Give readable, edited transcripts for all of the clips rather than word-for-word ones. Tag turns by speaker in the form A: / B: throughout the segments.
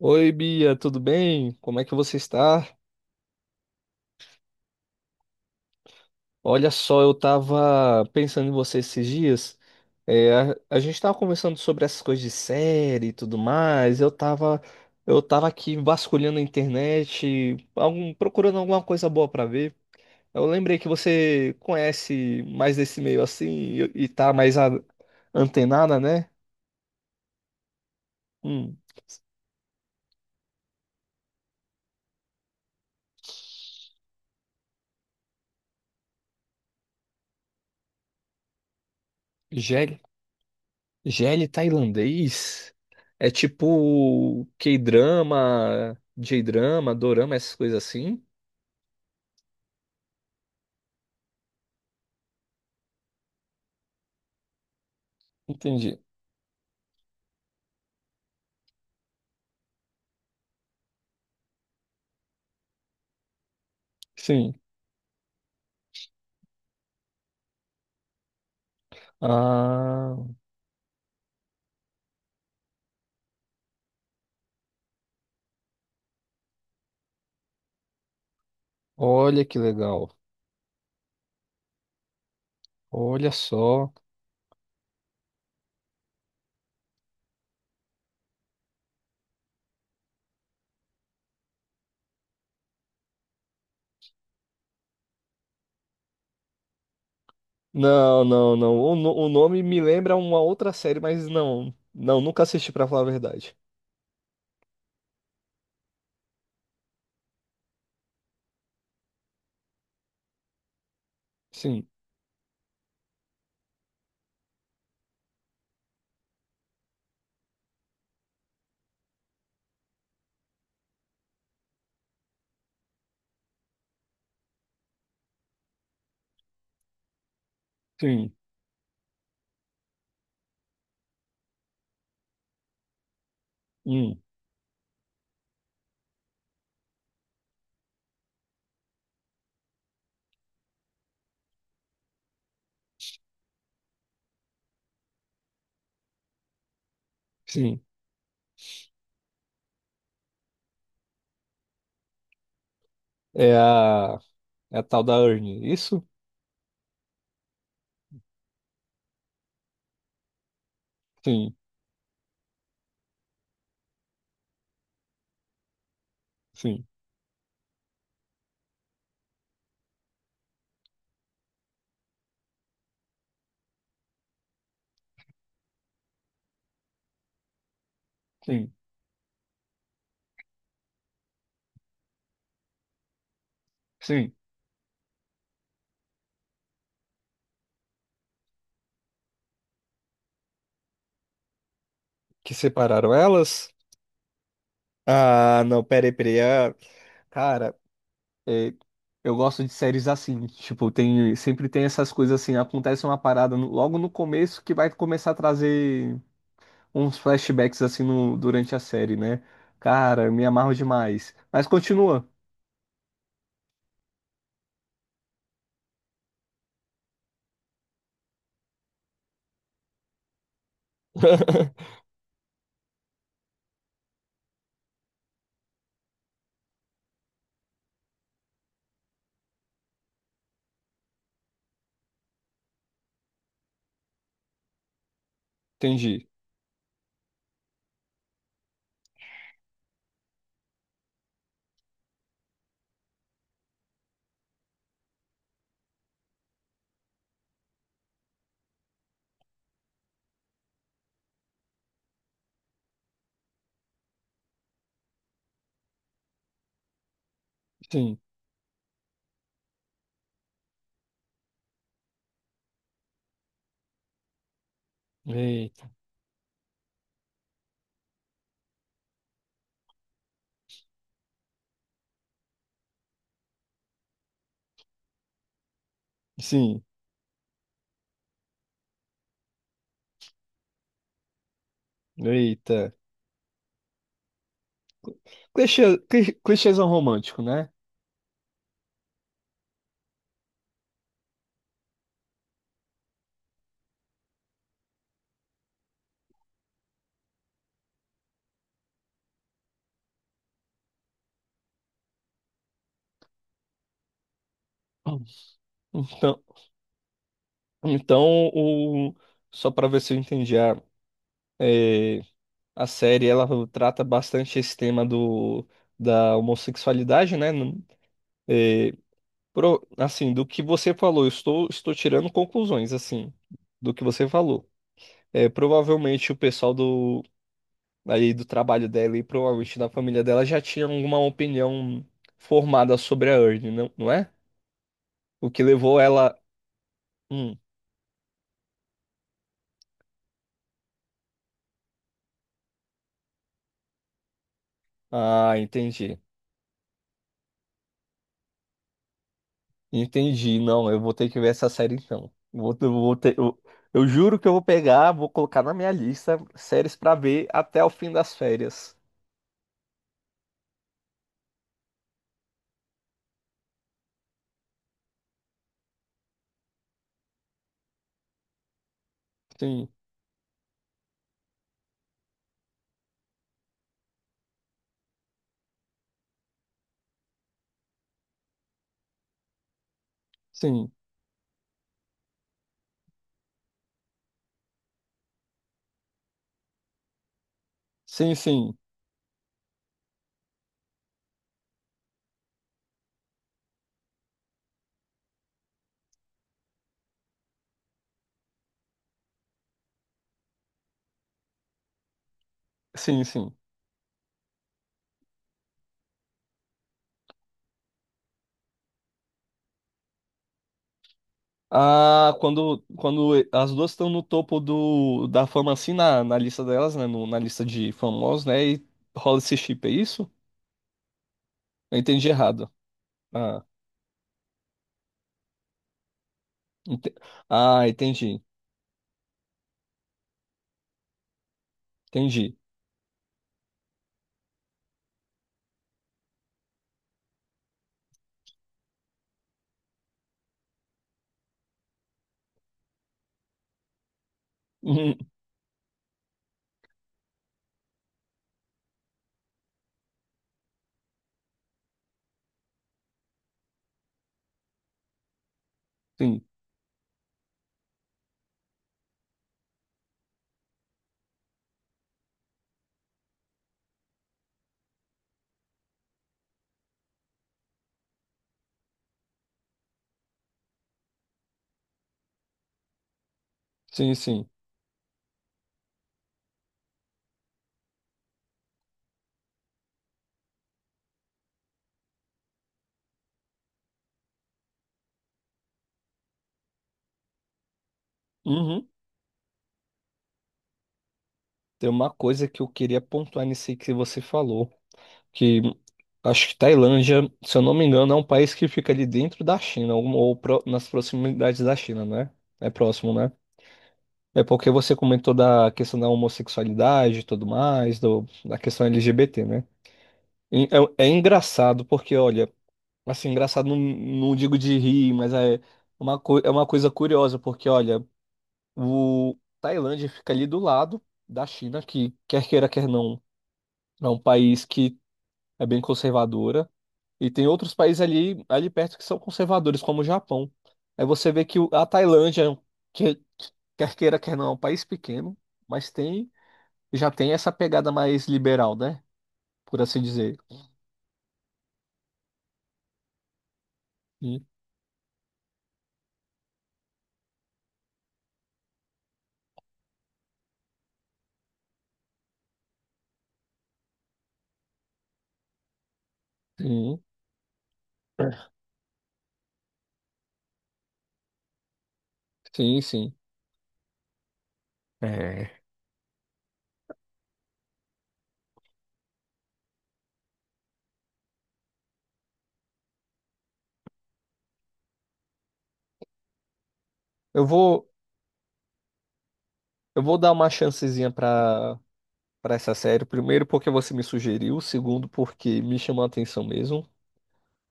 A: Oi, Bia, tudo bem? Como é que você está? Olha só, eu estava pensando em você esses dias. A gente estava conversando sobre essas coisas de série e tudo mais. Eu tava aqui vasculhando a internet, procurando alguma coisa boa para ver. Eu lembrei que você conhece mais desse meio assim e tá mais antenada, né? Hum, GL tailandês é tipo K-drama, J-drama, dorama, essas coisas assim? Entendi. Sim. Ah, olha que legal. Olha só. Não, não, não. O, no- O nome me lembra uma outra série, mas não. Não, nunca assisti pra falar a verdade. Sim, sim, hum, sim. É a, é a tal da Ernie, é isso? Sim, sim, sim, sim. Que separaram elas? Ah, não, peraí, peraí. Ah, cara. É, eu gosto de séries assim, tipo, tem, sempre tem essas coisas assim, acontece uma parada logo no começo que vai começar a trazer uns flashbacks assim durante a série, né? Cara, me amarro demais. Mas continua. Entendi. Sim. Eita. Sim. Eita. Clichê, clichêzão romântico, né? Então, então o, só pra ver se eu entendi a série ela trata bastante esse tema do da homossexualidade, né? É, assim, do que você falou, eu estou tirando conclusões assim do que você falou. É, provavelmente o pessoal do aí do trabalho dela e provavelmente da família dela já tinha alguma opinião formada sobre a Ernie, não, não é? O que levou ela. Hum, ah, entendi. Entendi. Não, eu vou ter que ver essa série então. Vou, eu vou ter, eu juro que eu vou pegar, vou colocar na minha lista séries pra ver até o fim das férias. Sim, sim, sim, sim, sim, sim. Ah, quando, quando as duas estão no topo do, da fama, assim, na, na lista delas, né? Na lista de famosos, né? E rola esse chip, é isso? Eu entendi errado. Ah, ente- ah, entendi, entendi. Uhum, sim, sim, sim. Uhum. Tem uma coisa que eu queria pontuar nisso aí que você falou, que acho que Tailândia, se eu não me engano, é um país que fica ali dentro da China, ou nas proximidades da China, né? É próximo, né? É porque você comentou da questão da homossexualidade e tudo mais, do, da questão LGBT, né? E É, é engraçado, porque, olha, assim, engraçado não, não digo de rir, mas é é uma coisa curiosa, porque, olha, o Tailândia fica ali do lado da China, que quer queira, quer não. É um país que é bem conservadora e tem outros países ali, ali perto que são conservadores, como o Japão. Aí você vê que a Tailândia, é um que, quer queira, quer não, é um país pequeno, mas tem já tem essa pegada mais liberal, né? Por assim dizer. Sim, sim, sim. Sim. É, Eu vou, eu vou dar uma chancezinha para para essa série. Primeiro, porque você me sugeriu. Segundo, porque me chamou a atenção mesmo.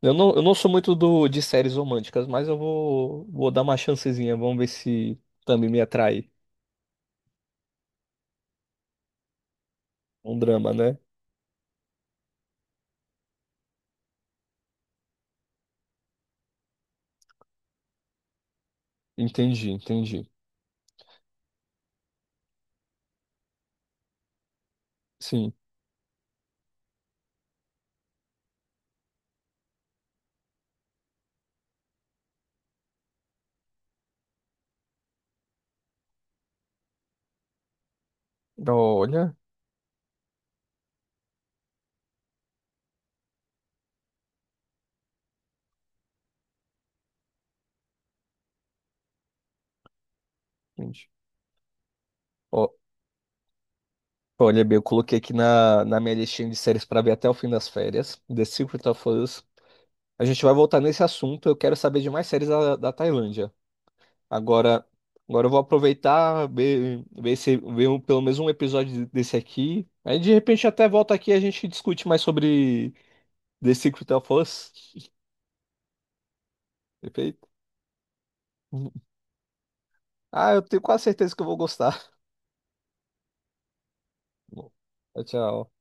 A: Eu não sou muito do, de séries românticas, mas eu vou, vou dar uma chancezinha. Vamos ver se também me atrai. Um drama, né? Entendi, entendi. Sim. Olha, entendi. Ó, olha, bem, eu coloquei aqui na, na minha listinha de séries para ver até o fim das férias. The Secret of Us. A gente vai voltar nesse assunto. Eu quero saber de mais séries da, da Tailândia. Agora, agora eu vou aproveitar, ver, ver, se, ver pelo menos um episódio desse aqui. Aí de repente até volta aqui e a gente discute mais sobre The Secret of Us. Perfeito. Ah, eu tenho quase certeza que eu vou gostar. Bom, tchau, tchau.